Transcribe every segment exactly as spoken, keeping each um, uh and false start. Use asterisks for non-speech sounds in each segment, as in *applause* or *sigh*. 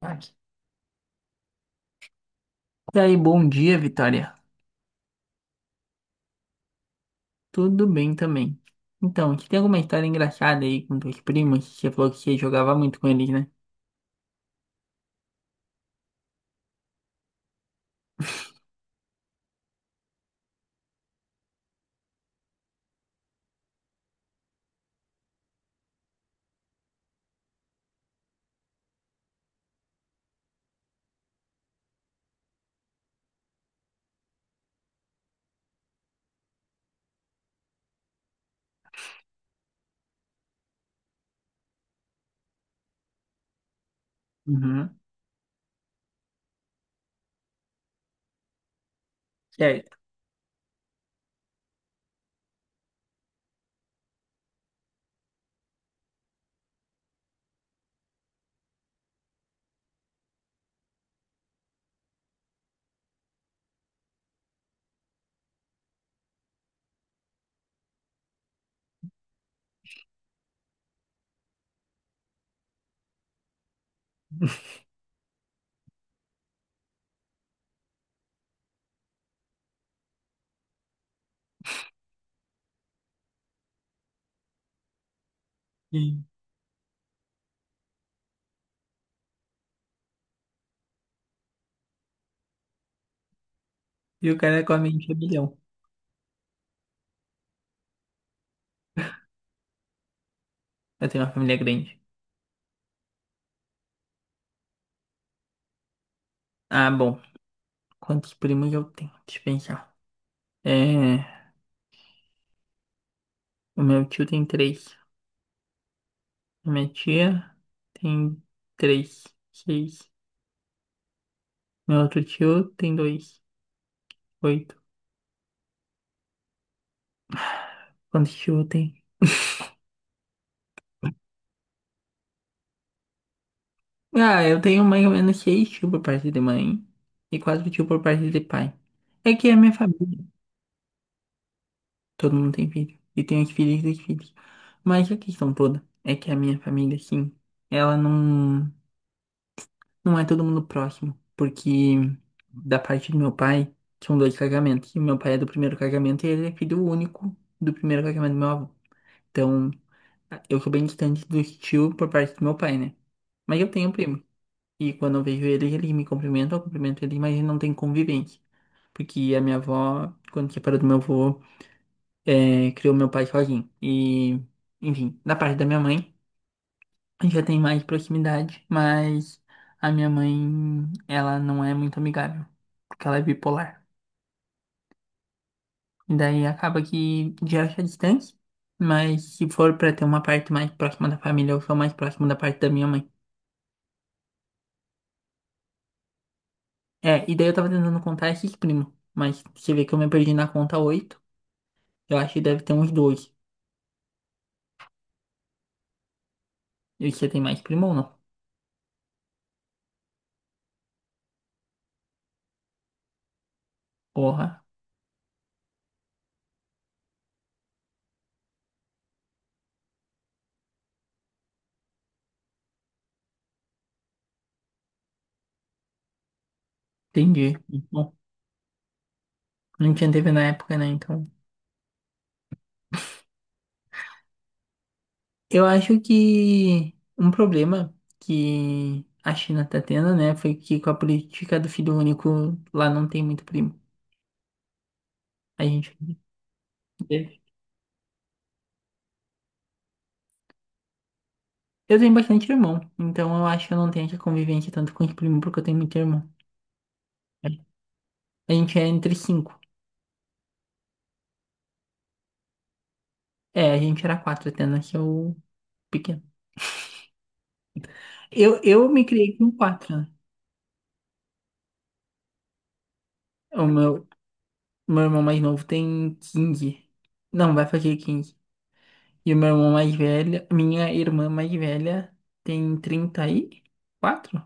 Aqui. E aí, bom dia, Vitória. Tudo bem também. Então, você tem alguma história engraçada aí com teus primos? Você falou que você jogava muito com eles, né? Uhum. Certo. *laughs* E, e o cara é com a mente é bilhão. Eu tenho uma família grande. Ah, bom. Quantos primos eu tenho? Deixa eu pensar. É, o meu tio tem três. A minha tia tem três. Seis. Meu outro tio tem dois. Oito. Quantos tio eu tenho? Ah, eu tenho mais ou menos seis tios por parte de mãe e quatro tios por parte de pai. É que é a minha família. Todo mundo tem filho. E tem os filhos dos filhos. Mas a questão toda é que a minha família, sim, ela não, não é todo mundo próximo. Porque da parte do meu pai, são dois casamentos. E meu pai é do primeiro casamento e ele é filho único do primeiro casamento do meu avô. Então, eu sou bem distante dos tios por parte do meu pai, né? Mas eu tenho um primo. E quando eu vejo eles, eles me cumprimentam, eu cumprimento eles, mas não tem convivência. Porque a minha avó, quando separou do meu avô, é, criou meu pai sozinho. E, enfim, da parte da minha mãe, já tem mais proximidade, mas a minha mãe, ela não é muito amigável, porque ela é bipolar. E daí acaba que gera essa distância, mas se for pra ter uma parte mais próxima da família, eu sou mais próximo da parte da minha mãe. É, e daí eu tava tentando contar esses primos, mas você vê que eu me perdi na conta oito. Eu acho que deve ter uns dois. E você tem mais primo ou não? Porra, entendi. Bom, não tinha T V na época, né? Então. Eu acho que um problema que a China tá tendo, né, foi que com a política do filho único lá não tem muito primo. A gente. Eu tenho bastante irmão, então eu acho que eu não tenho essa convivência tanto com os primos porque eu tenho muito irmão. A gente é entre cinco. É, a gente era quatro até nasceu pequeno. Eu, eu me criei com quatro, né? O meu, Meu irmão mais novo tem quinze. Não, vai fazer quinze. E o meu irmão mais velho, minha irmã mais velha tem trinta e quatro.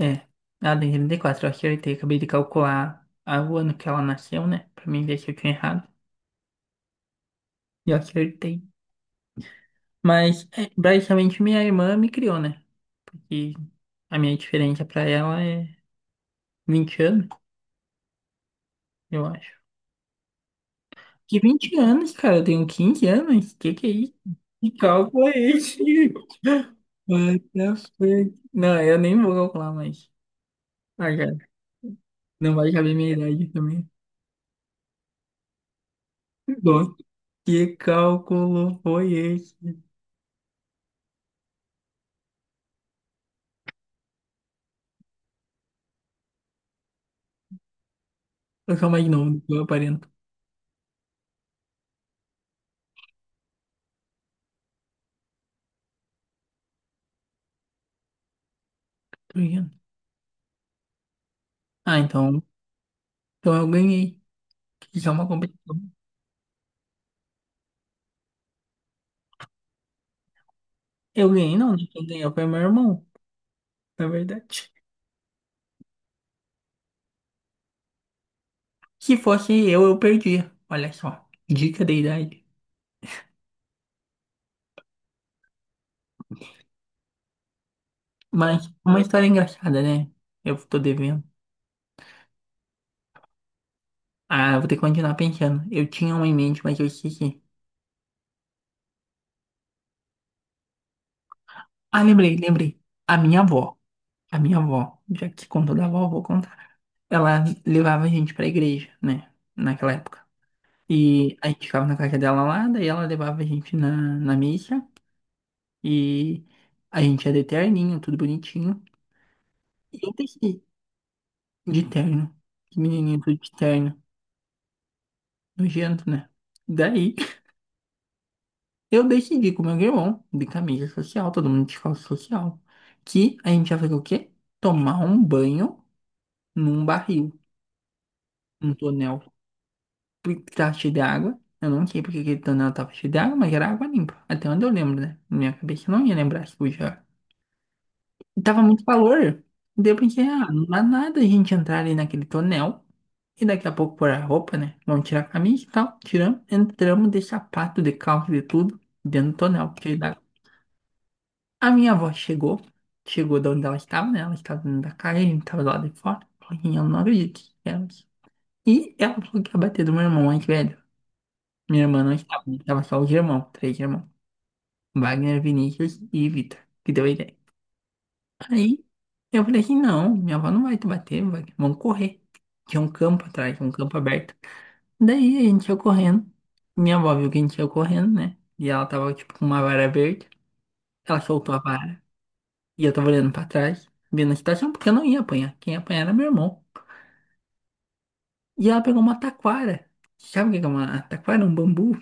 É. Ela tem trinta e quatro, eu acertei. Acabei de calcular a- o ano que ela nasceu, né? Pra mim ver se eu tinha errado. E eu acertei. Mas, é, basicamente, minha irmã me criou, né? E a minha diferença pra ela é vinte anos, eu acho. Que vinte anos, cara? Eu tenho quinze anos? Que que é isso? Que cálculo é esse? *laughs* What the fuck? Não, eu nem vou calcular mais. Ah, cara, não vai saber minha idade também. Bom, que cálculo foi esse? Eu sou mais novo do que eu aparento. Tô ligado? Ah, então, então eu ganhei. Isso é uma competição. Eu ganhei, não, né? Quem ganhou foi meu irmão, na verdade. Se fosse eu, eu perdia. Olha só, dica de idade. Mas uma história engraçada, né? Eu tô devendo. Ah, vou ter que continuar pensando. Eu tinha uma em mente, mas eu esqueci. Ah, lembrei, lembrei. A minha avó. A minha avó. Já que contou da avó, eu vou contar. Ela levava a gente pra igreja, né? Naquela época. E a gente ficava na casa dela lá, daí ela levava a gente na, na missa. E a gente ia de terninho, tudo bonitinho. E eu desci de terno. Que menininho tudo de terno. Nojento, né? Daí. Eu decidi com o meu irmão de camisa social, todo mundo de calça social, que a gente ia fazer o quê? Tomar um banho num barril, num tonel que tava cheio de água. Eu não sei porque aquele tonel tava cheio de água, mas era água limpa. Até onde eu lembro, né? Na minha cabeça eu não ia lembrar se podia. E tava muito calor. Daí eu pensei, ah, não dá nada a gente entrar ali naquele tonel. E daqui a pouco pôr a roupa, né? Vamos tirar a camisa e tal. Tiramos, entramos de sapato, de calça, de tudo, dentro do tonel, cheio d'água. A minha avó chegou, chegou de onde ela estava, né? Ela estava dentro da casa, a gente estava lá de fora. Falou que eu não acredito que éramos. E ela falou que ia bater do meu irmão mais velho. Minha irmã não estava, né? Estava só os irmãos, três irmãos. Wagner, Vinícius e Vitor, que deu a ideia. Aí eu falei assim, não, minha avó não vai te bater, Wagner, vamos correr. Tinha um campo atrás, um campo aberto. Daí a gente ia correndo. Minha avó viu que a gente ia correndo, né? E ela tava tipo com uma vara verde. Ela soltou a vara. E eu tava olhando pra trás, vendo a situação, porque eu não ia apanhar. Quem ia apanhar era meu irmão. E ela pegou uma taquara. Sabe o que que é uma taquara? Um bambu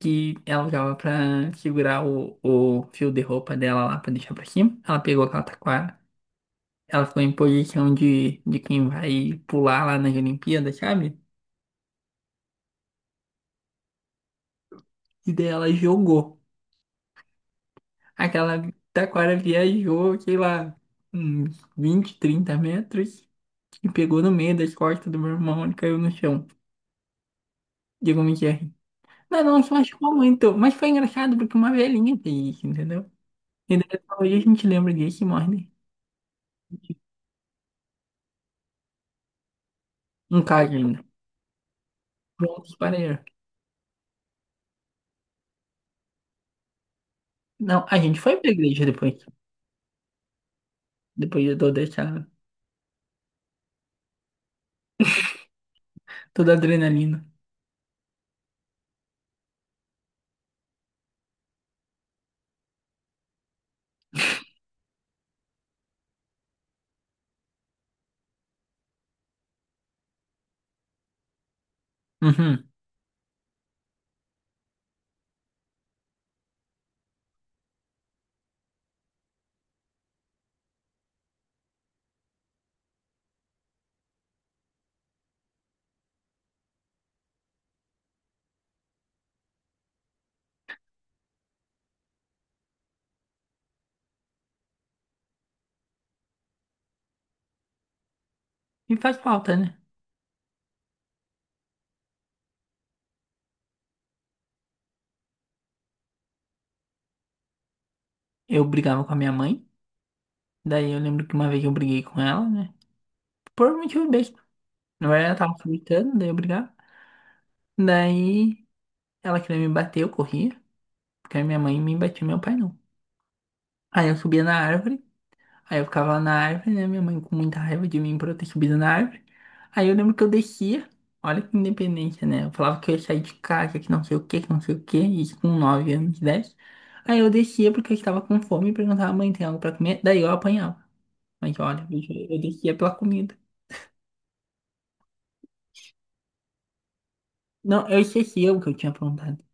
que ela usava pra segurar o, o fio de roupa dela lá pra deixar pra cima. Ela pegou aquela taquara. Ela ficou em posição de, de quem vai pular lá nas Olimpíadas, sabe? E daí ela jogou. Aquela taquara viajou, sei lá, uns vinte, trinta metros e pegou no meio das costas do meu irmão e caiu no chão. Digo, me. Não, não, se machucou muito. Mas foi engraçado porque uma velhinha fez isso, entendeu? E daí até hoje a gente lembra disso e morre, né? Um caso ainda. Prontos para ir. Não, a gente foi pra igreja depois. Depois de toda essa, toda a adrenalina. Uhum. E faz falta, né? Eu brigava com a minha mãe. Daí eu lembro que uma vez eu briguei com ela, né? Por um motivo besta. Não era, ela tava gritando, daí eu brigava. Daí ela queria me bater, eu corria. Porque a minha mãe me batia, meu pai não. Aí eu subia na árvore. Aí eu ficava lá na árvore, né? Minha mãe com muita raiva de mim por eu ter subido na árvore. Aí eu lembro que eu descia, olha que independência, né? Eu falava que eu ia sair de casa, que não sei o que, que não sei o que, isso com nove anos, dez. Aí eu descia porque eu estava com fome e perguntava, mãe, tem algo pra comer? Daí eu apanhava. Mas olha, bicho, eu descia pela comida. Não, eu esquecia o que eu tinha perguntado.